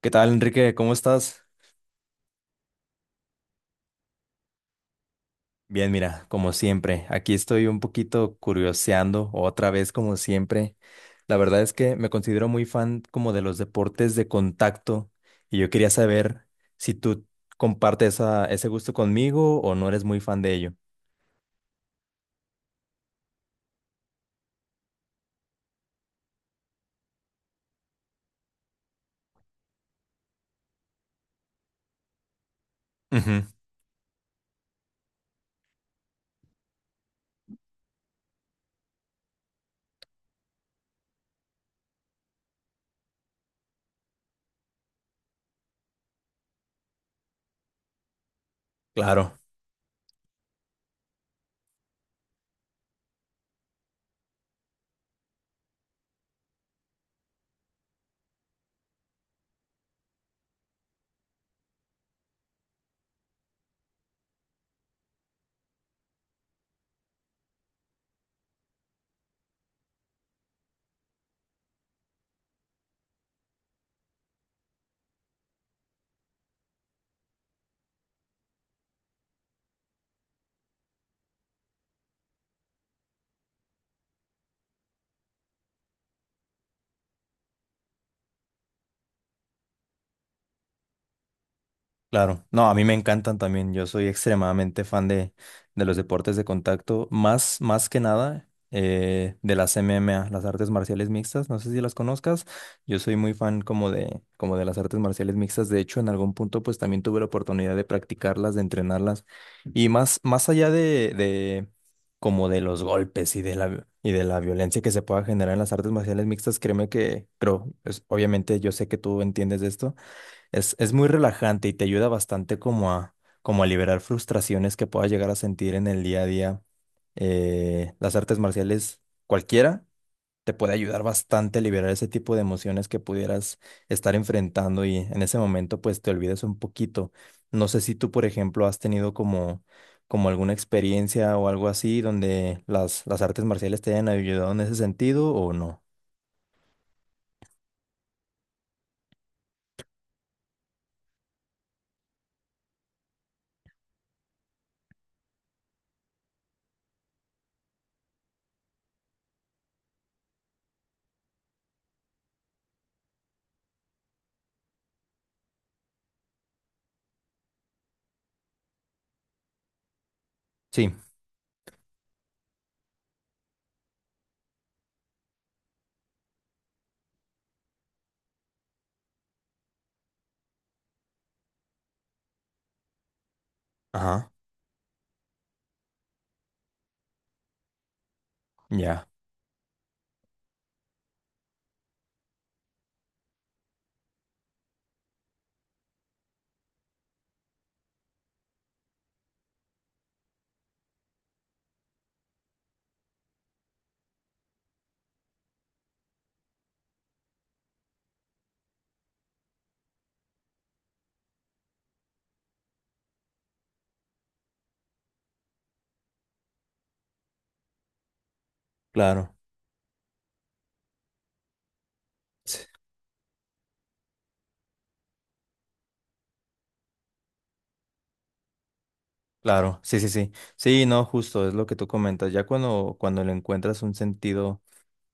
¿Qué tal, Enrique? ¿Cómo estás? Bien, mira, como siempre, aquí estoy un poquito curioseando otra vez, como siempre. La verdad es que me considero muy fan como de los deportes de contacto y yo quería saber si tú compartes ese gusto conmigo o no eres muy fan de ello. Ujú, claro. Claro, no, a mí me encantan también. Yo soy extremadamente fan de los deportes de contacto, más que nada de las MMA, las artes marciales mixtas. No sé si las conozcas. Yo soy muy fan como de las artes marciales mixtas. De hecho, en algún punto, pues también tuve la oportunidad de practicarlas, de entrenarlas. Y más allá de como de los golpes y de y de la violencia que se pueda generar en las artes marciales mixtas, créeme que, creo, pues, obviamente yo sé que tú entiendes de esto es muy relajante y te ayuda bastante como a liberar frustraciones que puedas llegar a sentir en el día a día. Las artes marciales, cualquiera, te puede ayudar bastante a liberar ese tipo de emociones que pudieras estar enfrentando y en ese momento pues te olvidas un poquito. No sé si tú, por ejemplo, has tenido como alguna experiencia o algo así donde las artes marciales te hayan ayudado en ese sentido o no. Sí, ajá, ya, claro. Claro, sí, sí, sí. Sí, no, justo, es lo que tú comentas. Ya cuando le encuentras un sentido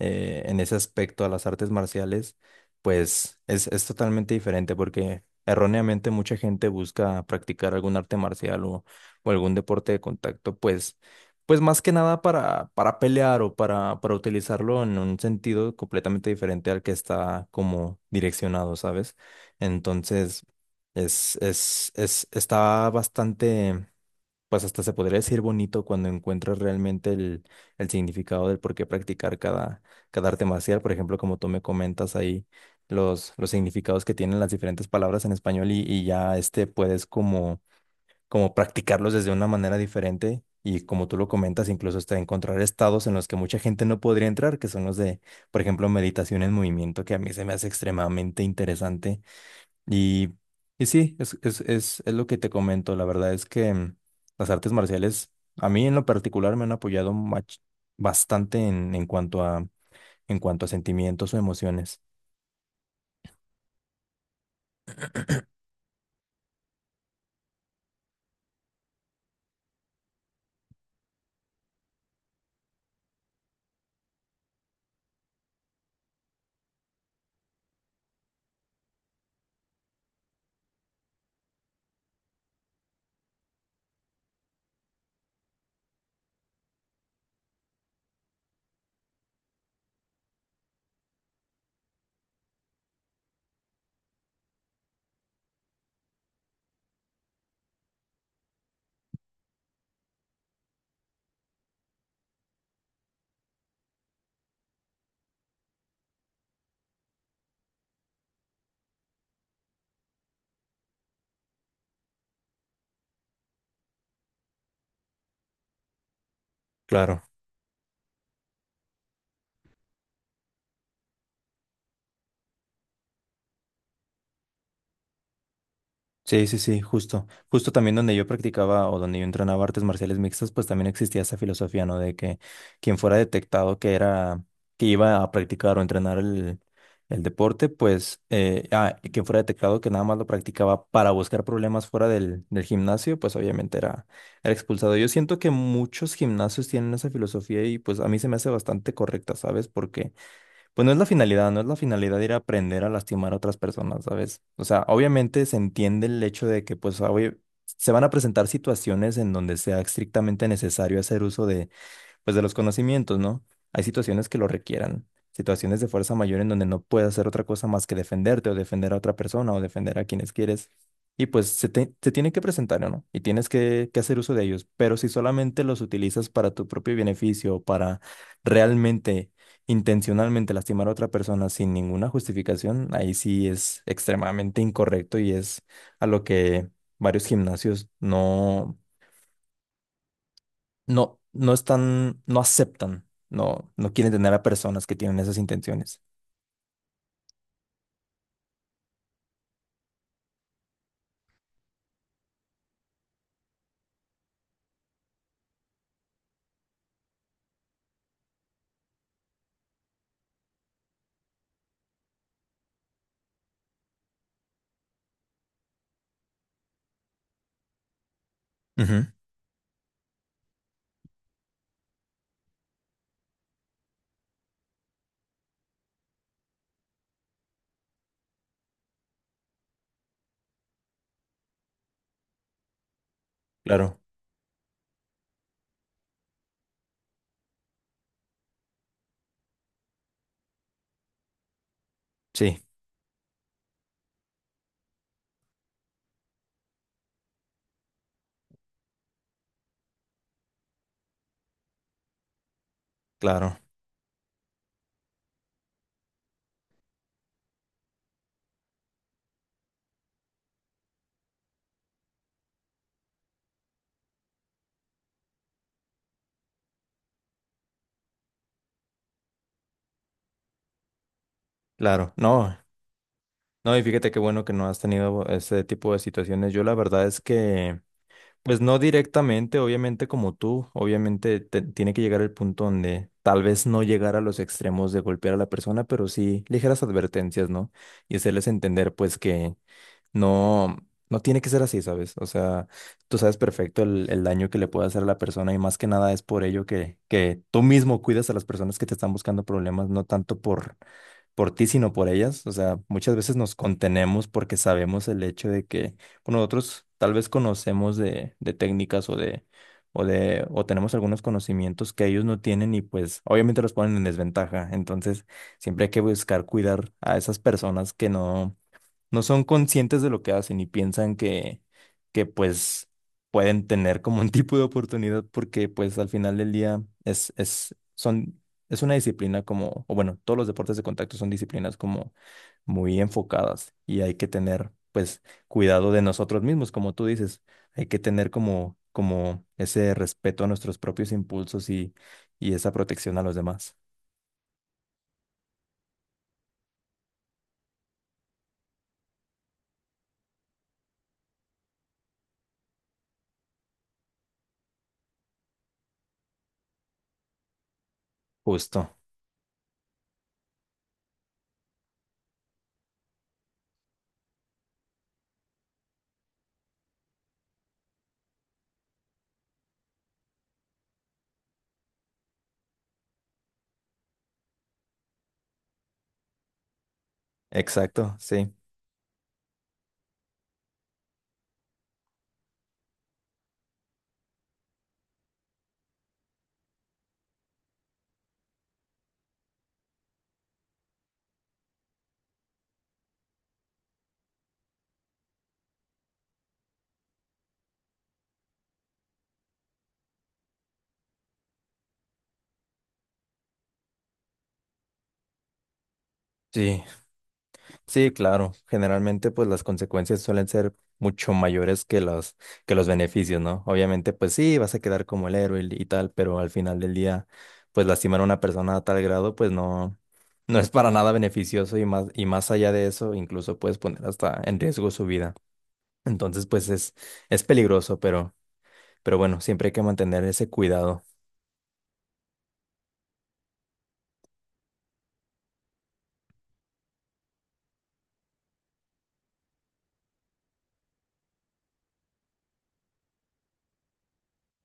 en ese aspecto a las artes marciales, pues es totalmente diferente porque erróneamente mucha gente busca practicar algún arte marcial o algún deporte de contacto, pues, pues más que nada para pelear o para utilizarlo en un sentido completamente diferente al que está como direccionado, ¿sabes? Entonces, es, está bastante pues hasta se podría decir bonito cuando encuentras realmente el significado del por qué practicar cada arte marcial. Por ejemplo, como tú me comentas ahí, los significados que tienen las diferentes palabras en español y ya este puedes como practicarlos desde una manera diferente. Y como tú lo comentas, incluso hasta encontrar estados en los que mucha gente no podría entrar, que son los de, por ejemplo, meditación en movimiento, que a mí se me hace extremadamente interesante y, y sí, es lo que te comento. La verdad es que las artes marciales, a mí en lo particular, me han apoyado bastante en cuanto a sentimientos o emociones. Claro. Sí, sí, sí, justo. Justo también donde yo practicaba o donde yo entrenaba artes marciales mixtas, pues también existía esa filosofía, ¿no? De que quien fuera detectado que era, que iba a practicar o entrenar el deporte, pues, y quien fuera detectado que nada más lo practicaba para buscar problemas fuera del gimnasio, pues obviamente era expulsado. Yo siento que muchos gimnasios tienen esa filosofía y pues a mí se me hace bastante correcta, ¿sabes? Porque pues no es la finalidad, no es la finalidad ir a aprender a lastimar a otras personas, ¿sabes? O sea, obviamente se entiende el hecho de que, pues, se van a presentar situaciones en donde sea estrictamente necesario hacer uso de pues de los conocimientos, ¿no? Hay situaciones que lo requieran, situaciones de fuerza mayor en donde no puedes hacer otra cosa más que defenderte o defender a otra persona o defender a quienes quieres. Y pues se tienen que presentar, ¿no? Y tienes que hacer uso de ellos. Pero si solamente los utilizas para tu propio beneficio, o para realmente, intencionalmente lastimar a otra persona sin ninguna justificación, ahí sí es extremadamente incorrecto y es a lo que varios gimnasios no están, no aceptan, no quieren tener a personas que tienen esas intenciones. Ujú, claro, sí, claro, claro. No, no, y fíjate qué bueno que no has tenido ese tipo de situaciones. Yo la verdad es que, pues no directamente, obviamente como tú, obviamente tiene que llegar el punto donde tal vez no llegar a los extremos de golpear a la persona, pero sí ligeras advertencias, ¿no? Y hacerles entender, pues, que no, no tiene que ser así, ¿sabes? O sea, tú sabes perfecto el daño que le puede hacer a la persona y más que nada es por ello que tú mismo cuidas a las personas que te están buscando problemas, no tanto por ti, sino por ellas. O sea, muchas veces nos contenemos porque sabemos el hecho de que bueno, nosotros tal vez conocemos de técnicas o tenemos algunos conocimientos que ellos no tienen y pues obviamente los ponen en desventaja. Entonces, siempre hay que buscar cuidar a esas personas que no son conscientes de lo que hacen y piensan que pues pueden tener como un tipo de oportunidad porque pues al final del día es una disciplina como, o bueno, todos los deportes de contacto son disciplinas como muy enfocadas y hay que tener pues cuidado de nosotros mismos, como tú dices, hay que tener como ese respeto a nuestros propios impulsos y esa protección a los demás. Justo, exacto, sí. Sí, sí, claro. Generalmente, pues las consecuencias suelen ser mucho mayores que que los beneficios, ¿no? Obviamente, pues sí, vas a quedar como el héroe y tal, pero al final del día, pues lastimar a una persona a tal grado, pues no, no es para nada beneficioso y más allá de eso, incluso puedes poner hasta en riesgo su vida. Entonces, pues es peligroso, pero bueno, siempre hay que mantener ese cuidado.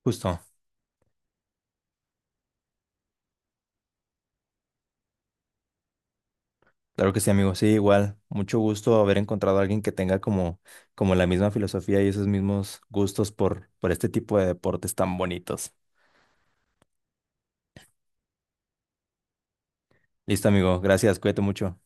Justo. Claro que sí, amigo. Sí, igual. Mucho gusto haber encontrado a alguien que tenga como, como la misma filosofía y esos mismos gustos por este tipo de deportes tan bonitos. Listo, amigo. Gracias. Cuídate mucho.